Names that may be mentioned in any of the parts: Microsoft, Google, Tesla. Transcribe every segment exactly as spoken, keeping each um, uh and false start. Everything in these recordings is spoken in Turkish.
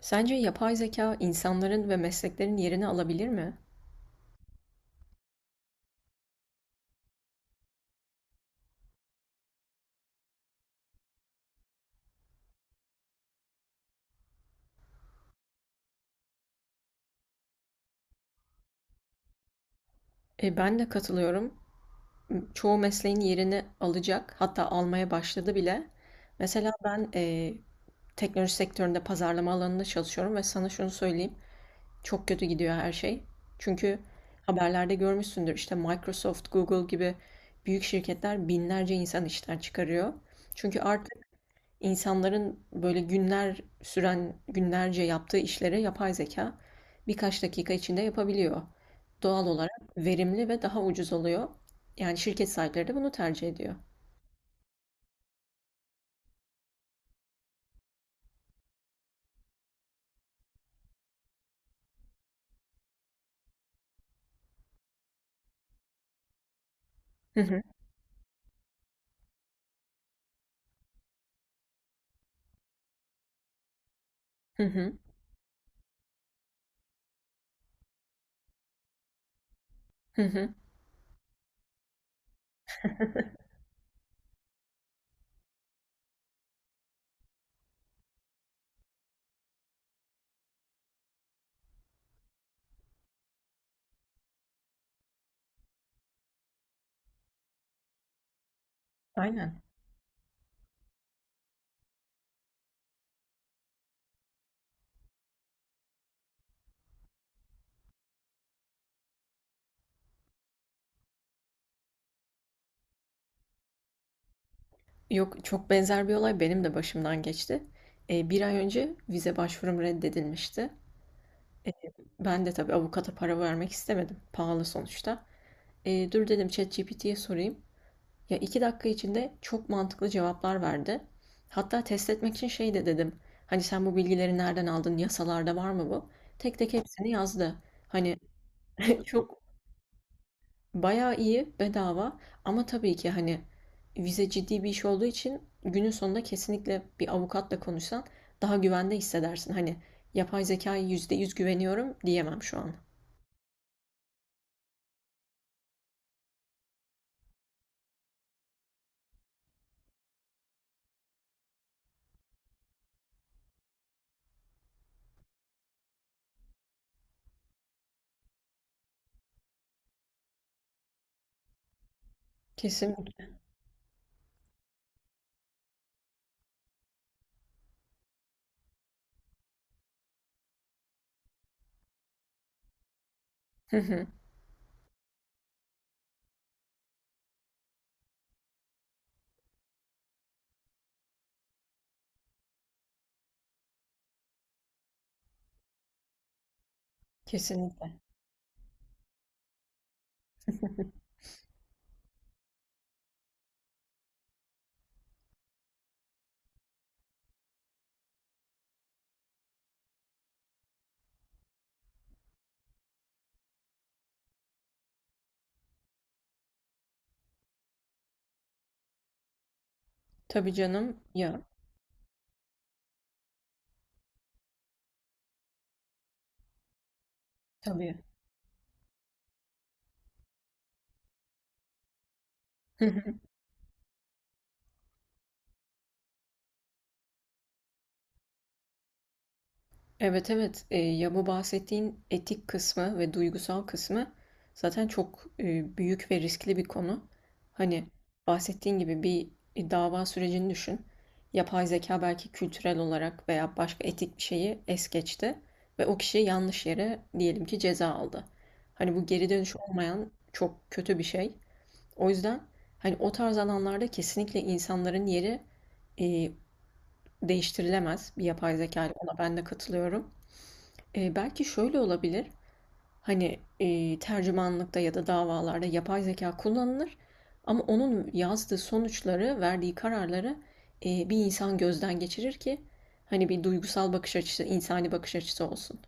Sence yapay zeka insanların ve mesleklerin yerini alabilir mi? E, ben de katılıyorum. Çoğu mesleğin yerini alacak, hatta almaya başladı bile. Mesela ben e, teknoloji sektöründe pazarlama alanında çalışıyorum ve sana şunu söyleyeyim. Çok kötü gidiyor her şey. Çünkü haberlerde görmüşsündür işte Microsoft, Google gibi büyük şirketler binlerce insan işten çıkarıyor. Çünkü artık İnsanların böyle günler süren, günlerce yaptığı işlere yapay zeka birkaç dakika içinde yapabiliyor. Doğal olarak verimli ve daha ucuz oluyor. Yani şirket sahipleri de bunu tercih ediyor. Hı hı, hı hı, hı hı. Aynen. Yok, çok benzer bir olay benim de başımdan geçti. E, bir ay önce vize başvurum reddedilmişti. Ben de tabii avukata para vermek istemedim. Pahalı sonuçta. E, dur dedim ChatGPT'ye sorayım. Ya iki dakika içinde çok mantıklı cevaplar verdi. Hatta test etmek için şey de dedim. Hani sen bu bilgileri nereden aldın? Yasalarda var mı bu? Tek tek hepsini yazdı. Hani çok bayağı iyi bedava, ama tabii ki hani vize ciddi bir iş olduğu için günün sonunda kesinlikle bir avukatla konuşsan daha güvende hissedersin. Hani yapay zekaya yüzde yüz güveniyorum diyemem şu an. Kesinlikle. Kesinlikle. Tabii canım ya, tabii. Evet, evet. Ee, ya bu bahsettiğin etik kısmı ve duygusal kısmı zaten çok e, büyük ve riskli bir konu. Hani bahsettiğin gibi bir e, dava sürecini düşün. Yapay zeka belki kültürel olarak veya başka etik bir şeyi es geçti ve o kişi yanlış yere diyelim ki ceza aldı. Hani bu geri dönüş olmayan çok kötü bir şey. O yüzden hani o tarz alanlarda kesinlikle insanların yeri e, değiştirilemez bir yapay zeka ile. Ona ben de katılıyorum. Eee, belki şöyle olabilir. Hani, eee, tercümanlıkta ya da davalarda yapay zeka kullanılır, ama onun yazdığı sonuçları, verdiği kararları, eee, bir insan gözden geçirir ki hani bir duygusal bakış açısı, insani bakış açısı olsun.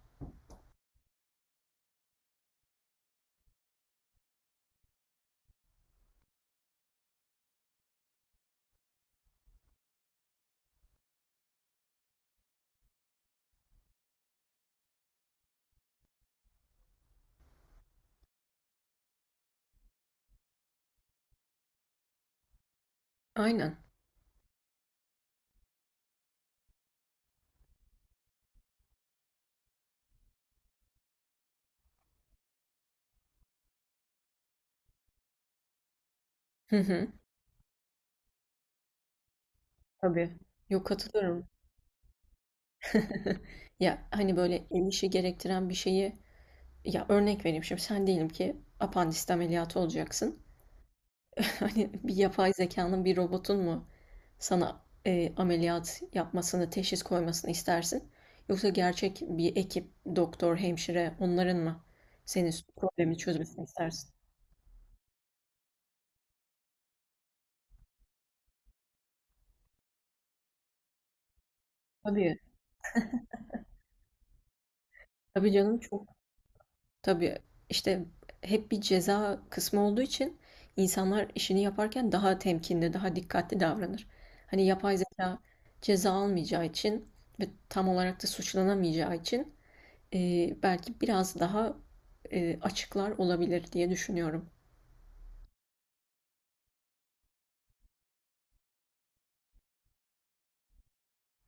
Aynen. Hı hı. Tabii. Yok, katılıyorum. Ya, hani, böyle el işi gerektiren bir şeyi... Ya, örnek vereyim şimdi. Sen diyelim ki apandisit ameliyatı olacaksın. Hani bir yapay zekanın, bir robotun mu sana e, ameliyat yapmasını, teşhis koymasını istersin? Yoksa gerçek bir ekip, doktor, hemşire, onların mı senin problemi çözmesini istersin? Tabii, tabii canım, çok. Tabii işte hep bir ceza kısmı olduğu için insanlar işini yaparken daha temkinli, daha dikkatli davranır. Hani yapay zeka ceza almayacağı için ve tam olarak da suçlanamayacağı için Eee, belki biraz daha, eee, açıklar olabilir diye düşünüyorum.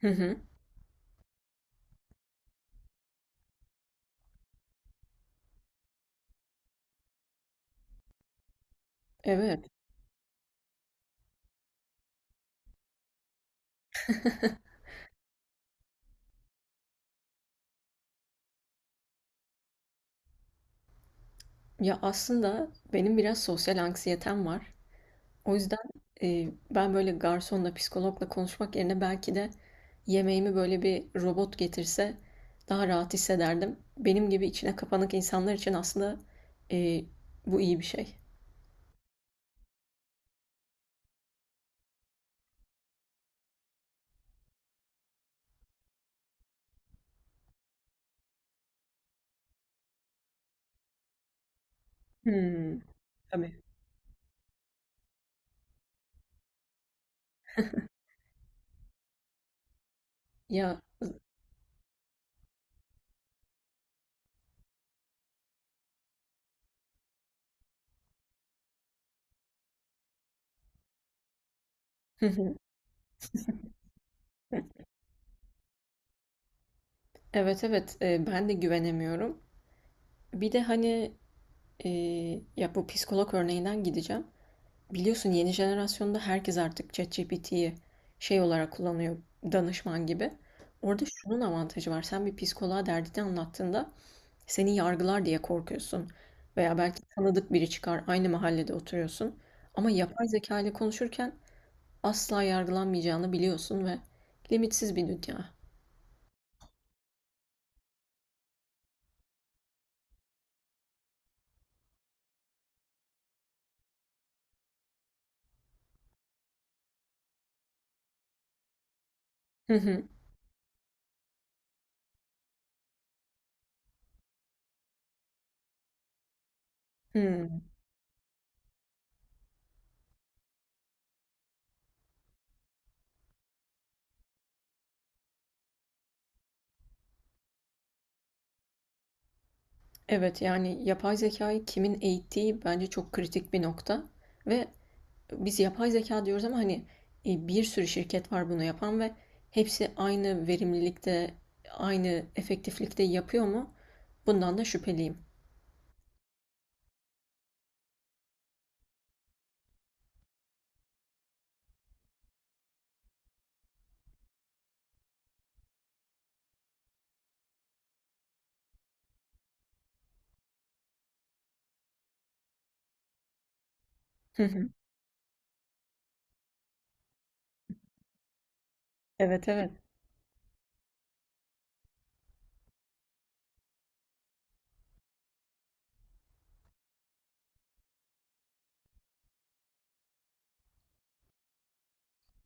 Hı hı. Evet. Ya, aslında benim biraz sosyal anksiyetem var. O yüzden, eee, ben böyle garsonla, psikologla konuşmak yerine belki de yemeğimi böyle bir robot getirse daha rahat hissederdim. Benim gibi içine kapanık insanlar için aslında, eee, bu iyi bir şey. Hımm. Tabii. Ya. Evet, evet. Eee, ben de güvenemiyorum. Bir de, hani, Ee, ya bu psikolog örneğinden gideceğim. Biliyorsun yeni jenerasyonda herkes artık ChatGPT'yi şey olarak kullanıyor, danışman gibi. Orada şunun avantajı var. Sen bir psikoloğa derdini anlattığında seni yargılar diye korkuyorsun. Veya belki tanıdık biri çıkar, aynı mahallede oturuyorsun. Ama yapay zeka ile konuşurken asla yargılanmayacağını biliyorsun ve limitsiz bir dünya. Hı hı. Hmm. Evet, yani yapay zekayı kimin eğittiği bence çok kritik bir nokta. Ve biz yapay zeka diyoruz, ama hani e, bir sürü şirket var bunu yapan ve hepsi aynı verimlilikte, aynı efektiflikte yapıyor mu? Bundan da şüpheliyim. Hı hı. Evet, evet.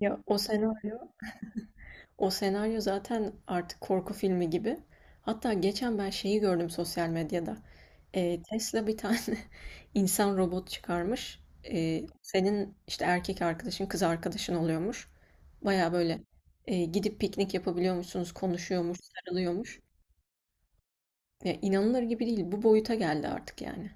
Ya o senaryo O senaryo zaten artık korku filmi gibi. Hatta geçen ben şeyi gördüm sosyal medyada. Ee, Tesla bir tane insan robot çıkarmış. Ee, senin işte erkek arkadaşın, kız arkadaşın oluyormuş. Baya böyle e, gidip piknik yapabiliyormuşsunuz, konuşuyormuş, sarılıyormuş. Ya, inanılır gibi değil. Bu boyuta geldi artık yani.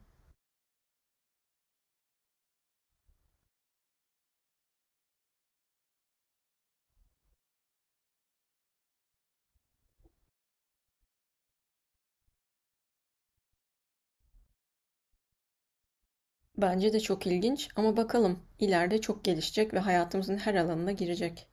Bence de çok ilginç, ama bakalım ileride çok gelişecek ve hayatımızın her alanına girecek.